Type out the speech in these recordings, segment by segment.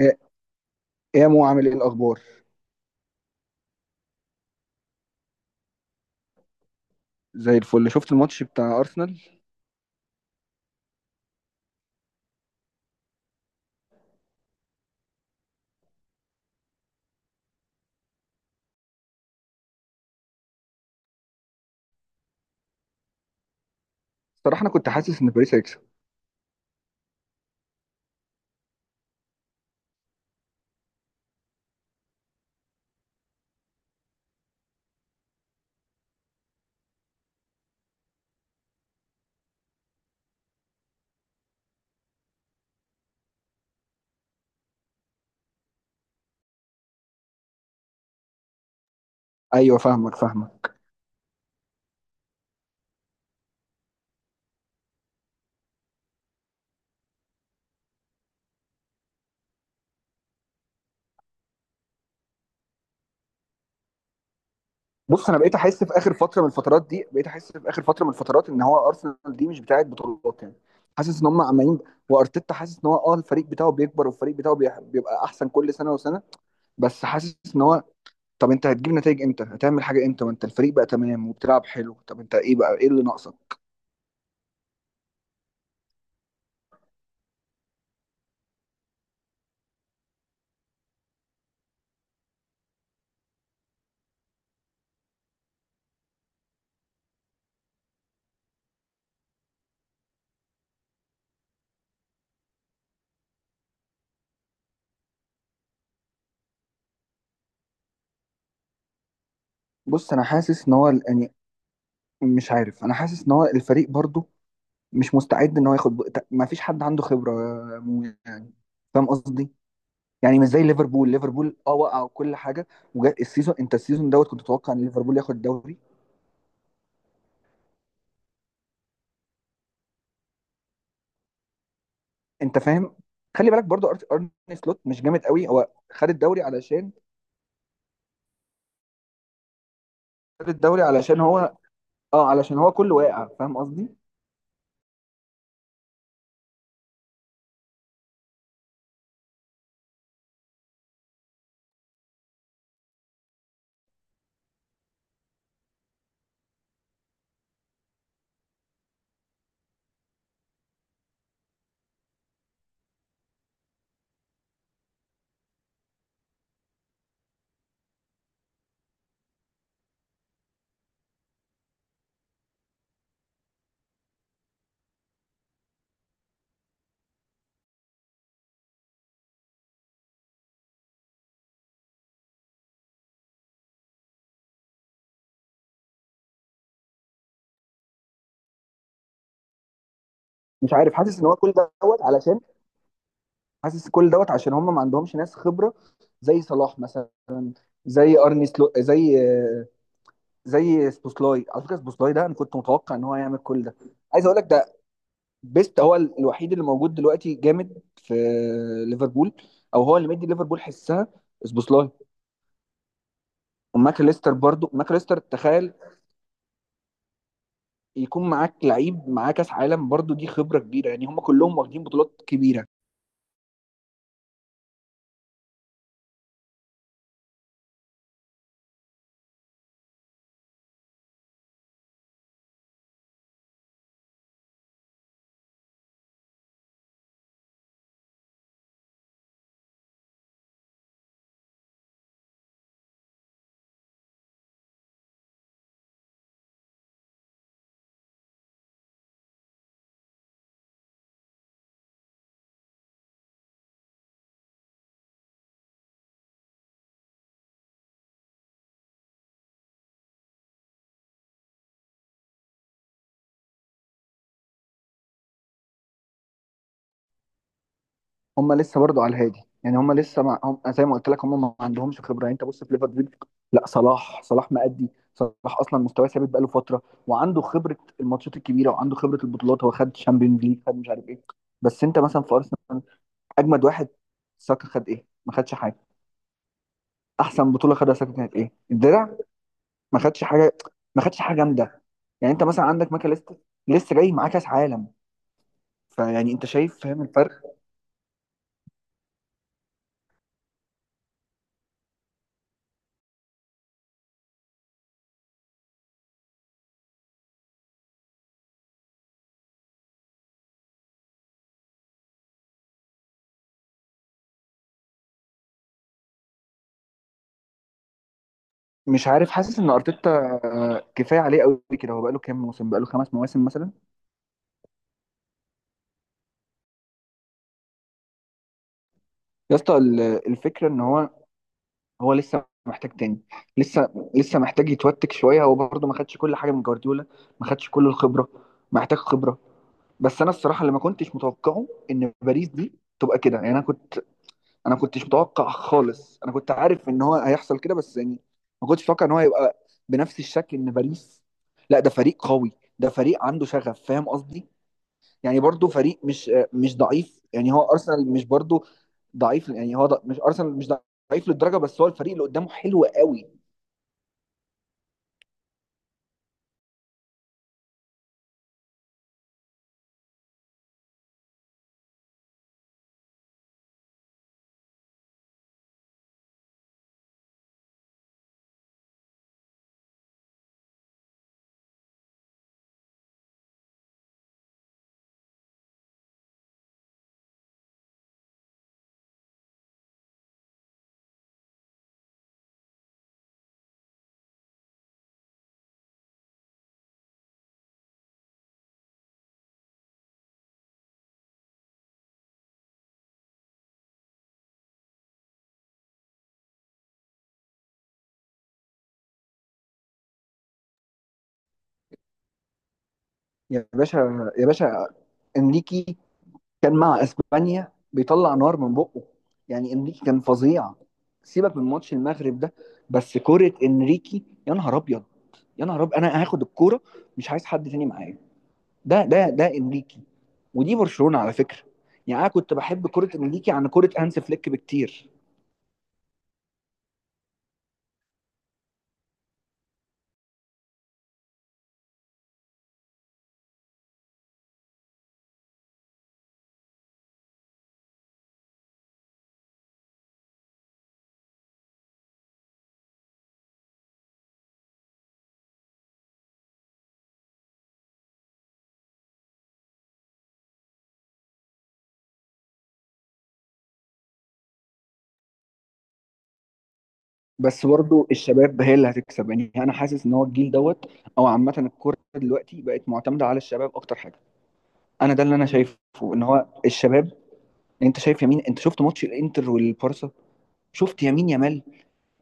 إيه. إيه يا مو، عامل ايه الاخبار؟ زي الفل. شفت الماتش بتاع ارسنال؟ صراحه انا كنت حاسس ان باريس هيكسب. ايوه، فاهمك فاهمك. بص، انا بقيت احس في اخر فتره من الفترات ان هو ارسنال دي مش بتاعه بطولات يعني. حاسس ان هم عمالين، وارتيتا حاسس ان هو الفريق بتاعه بيكبر، والفريق بتاعه بيبقى احسن كل سنه وسنه. بس حاسس ان هو، طب انت هتجيب نتائج امتى؟ هتعمل حاجه امتى وانت الفريق بقى تمام وبتلعب حلو؟ طب انت ايه بقى، ايه اللي ناقصك؟ بص، انا حاسس ان هو يعني مش عارف. انا حاسس ان هو الفريق برضه مش مستعد ان هو ياخد، ما فيش حد عنده خبره يا مو يعني. فاهم قصدي؟ يعني مش زي ليفربول. ليفربول وقع وكل حاجه، وجاء السيزون. انت السيزون دوت كنت تتوقع ان ليفربول ياخد الدوري. انت فاهم. خلي بالك برضو، ارني سلوت مش جامد قوي. هو خد الدوري علشان، خد الدوري علشان هو اه علشان هو كله واقع. فاهم قصدي؟ مش عارف، حاسس ان هو كل دوت علشان، حاسس كل دوت عشان هم ما عندهمش ناس خبره. زي صلاح مثلا، زي ارني سلوت، زي سبوسلاي. على فكره سبوسلاي ده انا كنت متوقع ان هو هيعمل كل ده. عايز اقول لك ده. بيست هو الوحيد اللي موجود دلوقتي جامد في ليفربول، او هو اللي مدي ليفربول حسها، سبوسلاي. وماكاليستر، برضو ماكاليستر تخيل يكون معاك لعيب معاه كاس عالم. برضو دي خبره كبيره يعني، هم كلهم واخدين بطولات كبيره. هم لسه برضو على الهادي يعني، هم زي ما قلت لك هم ما عندهمش خبره يعني. انت بص في ليفربول، لا صلاح. صلاح مأدي، صلاح اصلا مستواه ثابت بقاله فتره، وعنده خبره الماتشات الكبيره، وعنده خبره البطولات. هو خد تشامبيونز ليج، خد مش عارف ايه. بس انت مثلا في ارسنال، اجمد واحد ساكا خد ايه؟ ما خدش حاجه. احسن بطوله خدها ساكا كانت ايه؟ الدرع. ما خدش حاجه. ما خدش حاجه جامده. يعني انت مثلا عندك ماكا، لسه جاي معاه كاس عالم. فيعني انت شايف، فاهم الفرق؟ مش عارف، حاسس ان ارتيتا كفايه عليه قوي كده. هو بقاله كام موسم؟ بقاله 5 مواسم مثلا. يا اسطى، الفكره ان هو لسه محتاج تاني. لسه لسه محتاج يتوتك شويه. هو برضه ما خدش كل حاجه من جوارديولا، ما خدش كل الخبره. محتاج خبره. بس انا الصراحه اللي ما كنتش متوقعه ان باريس دي تبقى كده يعني. انا كنتش متوقع خالص. انا كنت عارف ان هو هيحصل كده بس يعني، ما كنتش متوقع ان هو يبقى بنفس الشكل. ان باريس، لا ده فريق قوي. ده فريق عنده شغف. فاهم قصدي؟ يعني برضو فريق مش مش ضعيف يعني. هو ارسنال مش برضو ضعيف يعني. هو مش، ارسنال مش ضعيف للدرجه، بس هو الفريق اللي قدامه حلو قوي. يا باشا. يا باشا، انريكي كان مع اسبانيا بيطلع نار من بقه. يعني انريكي كان فظيع. سيبك من ماتش المغرب ده. بس كرة انريكي، يا نهار ابيض. يا نهار ابيض، انا هاخد الكوره، مش عايز حد تاني معايا. ده انريكي. ودي برشلونة على فكرة. يعني انا كنت بحب كرة انريكي عن كرة هانس فليك بكتير. بس برضو الشباب هي اللي هتكسب يعني. انا حاسس ان هو الجيل دوت، او عامه الكوره دلوقتي بقت معتمده على الشباب اكتر حاجه. انا ده اللي انا شايفه، ان هو الشباب. انت شايف يمين؟ انت شفت ماتش الانتر والبارسا؟ شفت يمين يامال؟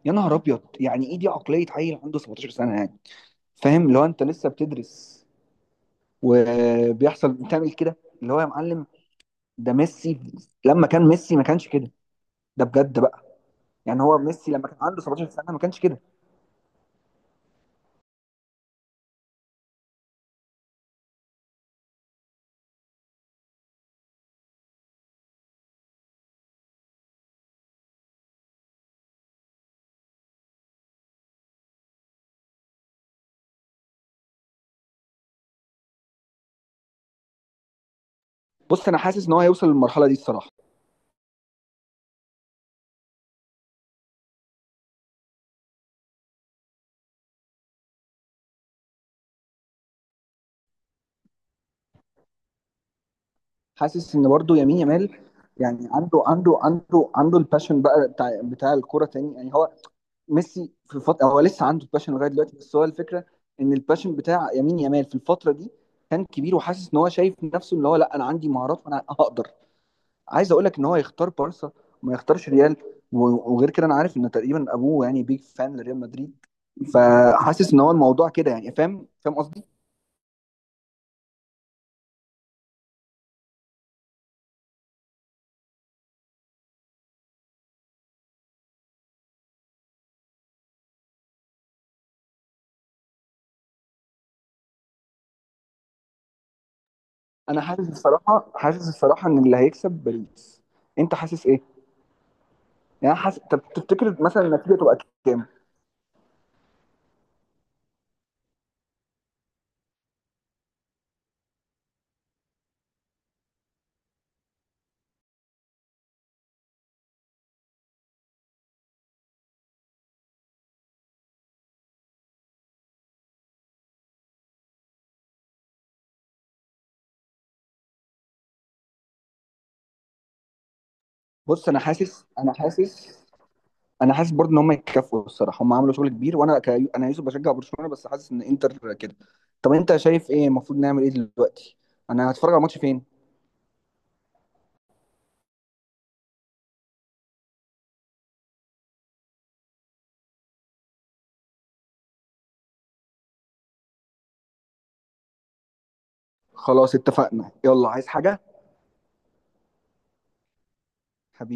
يا نهار ابيض! يعني ايه دي، عقليه عيل عنده 17 سنه يعني. فاهم؟ لو انت لسه بتدرس وبيحصل بتعمل كده، اللي هو يا معلم، ده ميسي! لما كان ميسي ما كانش كده. ده بجد بقى. يعني هو ميسي لما كان عنده 17 سنه ما كانش كده. بص انا حاسس ان هو هيوصل للمرحله دي الصراحه. حاسس ان برضه يمين يامال، يعني عنده الباشن بقى بتاع الكوره تاني يعني. هو ميسي في الفتره هو لسه عنده الباشن لغايه دلوقتي، بس هو الفكره ان الباشن بتاع يمين يامال في الفتره دي كان كبير. وحاسس ان هو شايف نفسه اللي هو، لا انا عندي مهارات وانا هقدر. عايز اقول لك ان هو يختار بارسا وما يختارش ريال. وغير كده، انا عارف ان تقريبا ابوه يعني بيج فان لريال مدريد. فحاسس ان هو الموضوع كده يعني. فاهم قصدي؟ انا حاسس الصراحه، ان اللي هيكسب باريس. انت حاسس ايه؟ يعني أنا حاسس، طب تفتكر مثلا النتيجه تبقى كام؟ بص، انا حاسس برضه ان هم يتكافئوا الصراحه. هم عملوا شغل كبير، وانا ك... انا يوسف بشجع برشلونه، بس حاسس ان انتر كده. طب انت شايف ايه المفروض نعمل ايه دلوقتي؟ انا هتفرج على الماتش فين؟ خلاص اتفقنا، يلا. عايز حاجه؟ حبيبي.